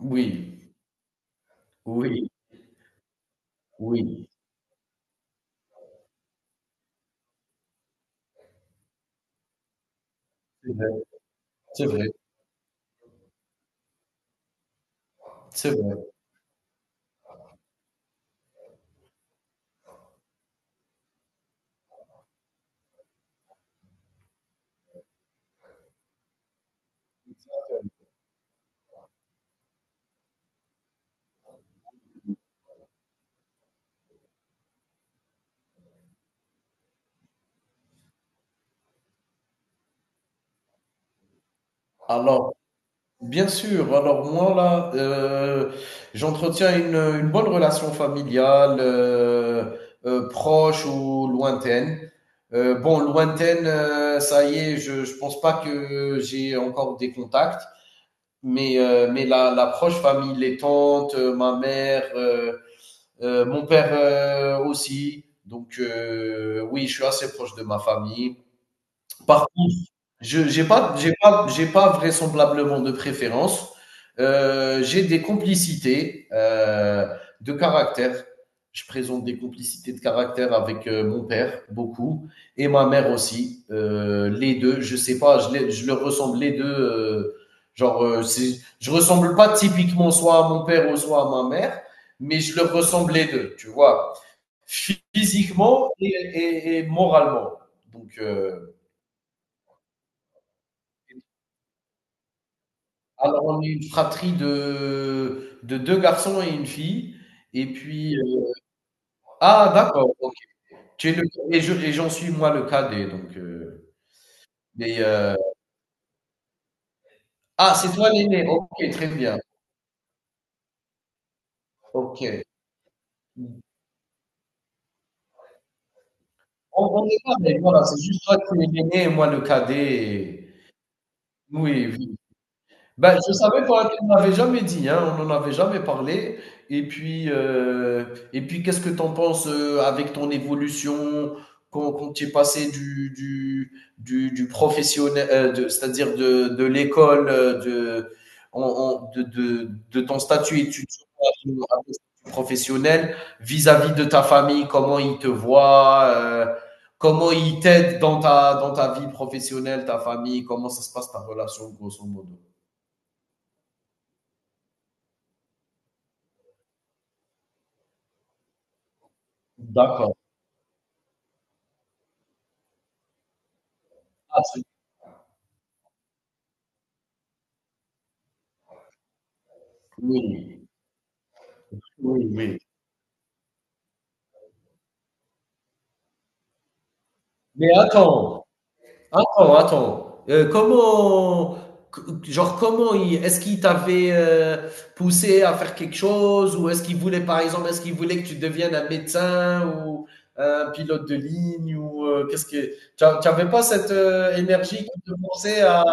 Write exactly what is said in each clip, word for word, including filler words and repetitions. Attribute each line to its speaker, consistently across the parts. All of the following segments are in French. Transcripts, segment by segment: Speaker 1: Oui, oui, oui, c'est vrai, c'est vrai, c'est vrai. Alors, bien sûr, alors moi là, heu, j'entretiens une, une bonne relation familiale, heu heu, proche ou lointaine. Heu, bon lointaine, heu, ça y est, je je pense pas que j'ai encore des contacts, mais heu, mais la la proche famille, les tantes, heu, ma mère, heu heu, mon père, heu, aussi. Donc heu, oui, je suis assez proche de ma famille. Par contre, je j'ai pas j'ai pas j'ai pas vraisemblablement de préférence. Heu, j'ai des complicités, heu, de caractère. Je présente des complicités de caractère avec, heu, mon père, beaucoup et ma mère aussi, heu, les deux, je sais pas, je les je leur ressemble les deux. Heu, genre, heu, c'est je ressemble pas typiquement soit à mon père ou soit à ma mère, mais je leur ressemble les deux. Tu vois? Physiquement et et et moralement, donc heu alors, on est une fratrie de de deux garçons et une fille et puis, heu ah d'accord, OK. Tu es le et je et j'en suis moi le cadet donc, heu, mais, heu ah c'est toi l'aîné? OK, très bien. OK. On on est pareil, voilà, c'est juste toi, tu es l'aîné et moi le cadet et oui, oui. Ben je savais pas, tu me l'avais jamais dit, hein, on n'en avait jamais parlé et puis, heu et puis qu'est-ce que tu en penses, heu, avec ton évolution quand quand tu es passé du du du du professionnel, heu, de c'est-à-dire de de l'école, heu, de en en de de de ton statut étudiant à ton à ton statut professionnel, vis-à-vis de ta famille, comment ils te voient, heu, comment ils t'aident dans ta dans ta vie professionnelle, ta famille? Comment ça se passe ta relation grosso modo? D'accord. Ah, c'est oui, oui, oui. Mais attends, attends, attends. Euh, comment, c- genre, comment il, est-ce qu'il t'avait euh, poussé à faire quelque chose ou est-ce qu'il voulait, par exemple, est-ce qu'il voulait que tu deviennes un médecin ou euh, un pilote de ligne ou euh, qu'est-ce que, tu n'avais pas cette euh, énergie qui te poussait à,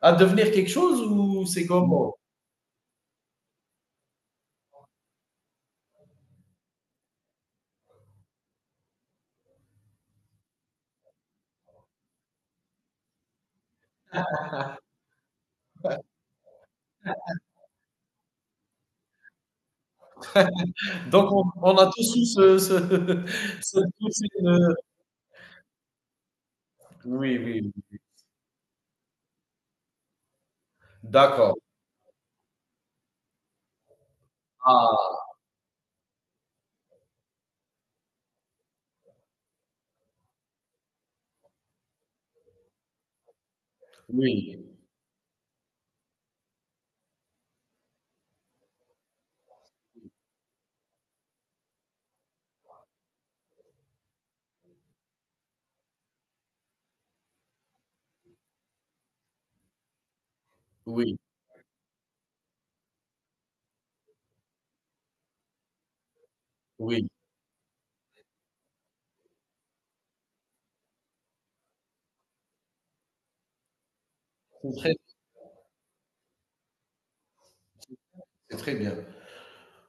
Speaker 1: à devenir quelque chose ou c'est comment? Donc, on, on a tous eu ce, ce- cette poussée de- oui, oui. D'accord. Ah, oui, oui, oui, c'est très c'est très bien.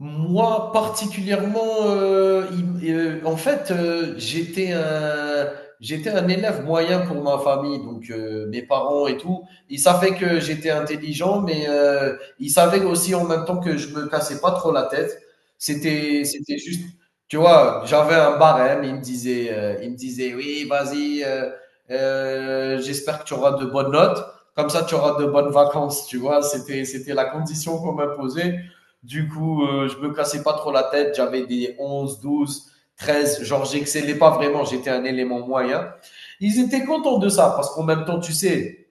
Speaker 1: Moi, particulièrement, heu, il m en fait, heu, j'étais un j'étais un élève moyen pour ma famille, donc heu, mes parents et tout, ils savaient que j'étais intelligent, mais heu, ils savaient aussi en même temps que je me cassais pas trop la tête. C'était c'était juste, tu vois, j'avais un barème, ils me disaient, heu, ils me disaient: «Oui, vas-y, heu heu, j'espère que tu auras de bonnes notes, comme ça tu auras de bonnes vacances», tu vois? C'était c'était la condition qu'on m'imposait du coup, euh, je me cassais pas trop la tête. J'avais des onze, douze, treize. Genre, j'excellais pas vraiment. J'étais un élément moyen. Ils étaient contents de ça parce qu'en même temps, tu sais,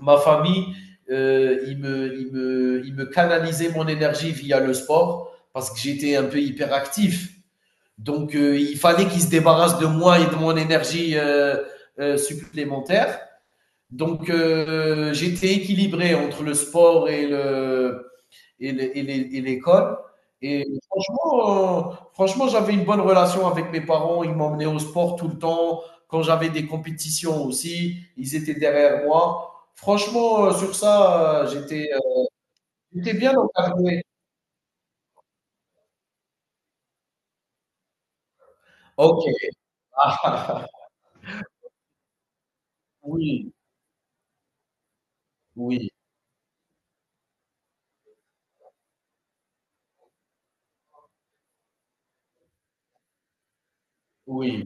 Speaker 1: ma famille, euh, ils, me, ils, me, ils me canalisaient mon énergie via le sport parce que j'étais un peu hyperactif. Donc, euh, il fallait qu'ils se débarrassent de moi et de mon énergie euh, euh, supplémentaire. Donc, euh, j'étais équilibré entre le sport et le, et l'école. Et, et, franchement, euh, franchement j'avais une bonne relation avec mes parents. Ils m'emmenaient au sport tout le temps. Quand j'avais des compétitions aussi, ils étaient derrière moi. Franchement, euh, sur ça, euh, j'étais euh, j'étais bien encadré. OK. Ah, oui, oui, oui.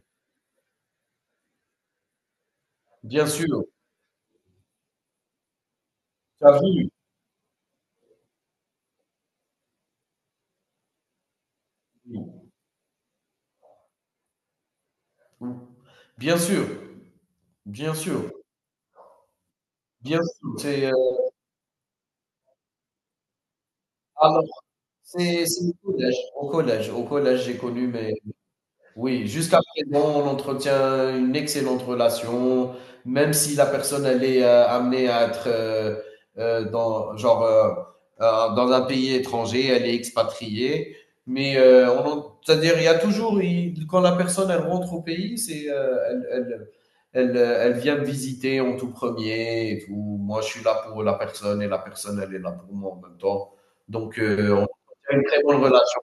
Speaker 1: Bien sûr. T'as vu. Oui. Bien sûr. Bien sûr. Bien sûr. C'est, euh, alors, c'est, c'est au collège. Au collège, au collège j'ai connu mes, oui, jusqu'à présent, on entretient une excellente relation, même si la personne elle est euh, amenée à être euh, euh, dans genre euh, euh, dans un pays étranger, elle est expatriée, mais euh, on en- c'est-à-dire il y a toujours il- quand la personne elle rentre au pays, c'est euh, elle, elle elle euh, elle vient me visiter en tout premier et tout. Moi, je suis là pour la personne et la personne elle est là pour moi en même temps. Donc euh, on a une très bonne relation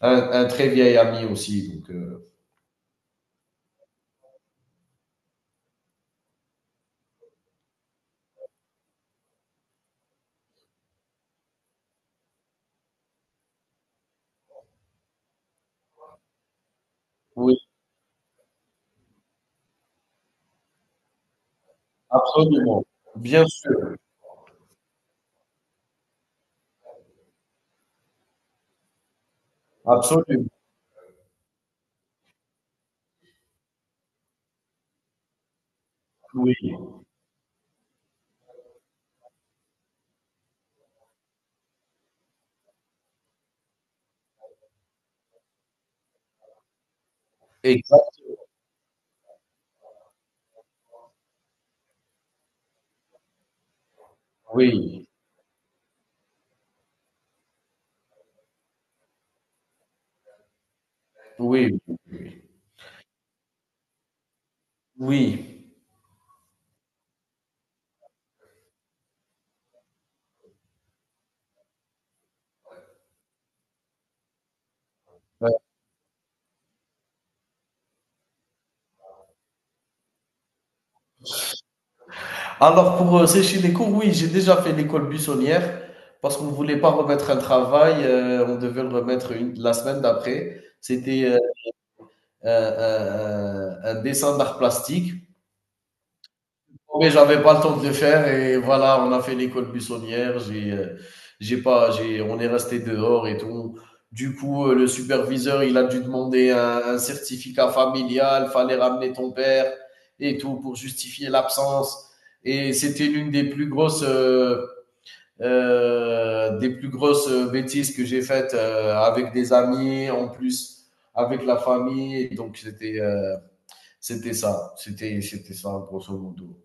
Speaker 1: un, un très vieil ami aussi. Donc, euh, oui, absolument. Bien sûr, absolument. Oui, exact. Oui, oui, oui. Ouais. Alors, pour euh, sécher les cours, oui, j'ai déjà fait l'école buissonnière parce qu'on ne voulait pas remettre un travail, euh, on devait le remettre une- la semaine d'après. C'était euh, euh, euh, euh, un dessin d'art plastique. Oh, mais j'avais pas le temps de le faire et voilà, on a fait l'école buissonnière. J'ai, euh, j'ai pas, j'ai, On est resté dehors et tout. Du coup, euh, le superviseur, il a dû demander un, un certificat familial. Fallait ramener ton père et tout pour justifier l'absence. Et c'était l'une des plus grosses, euh, euh, des plus grosses euh, bêtises que j'ai faites euh, avec des amis, en plus avec la famille. Donc c'était euh, c'était ça, c'était c'était ça, grosso modo.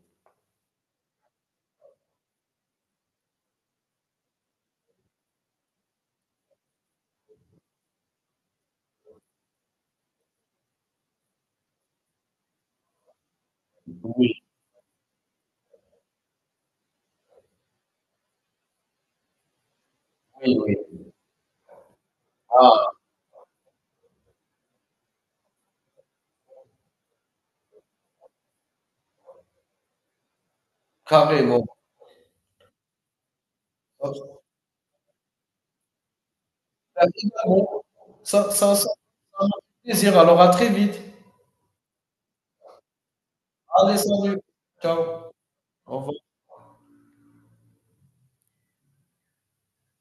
Speaker 1: Oui, oui, oui. Ah, carrément. Ah, Ça, ça, ça, ça m'a fait plaisir. Alors, à très vite. Allez, salut. Ciao. Au revoir.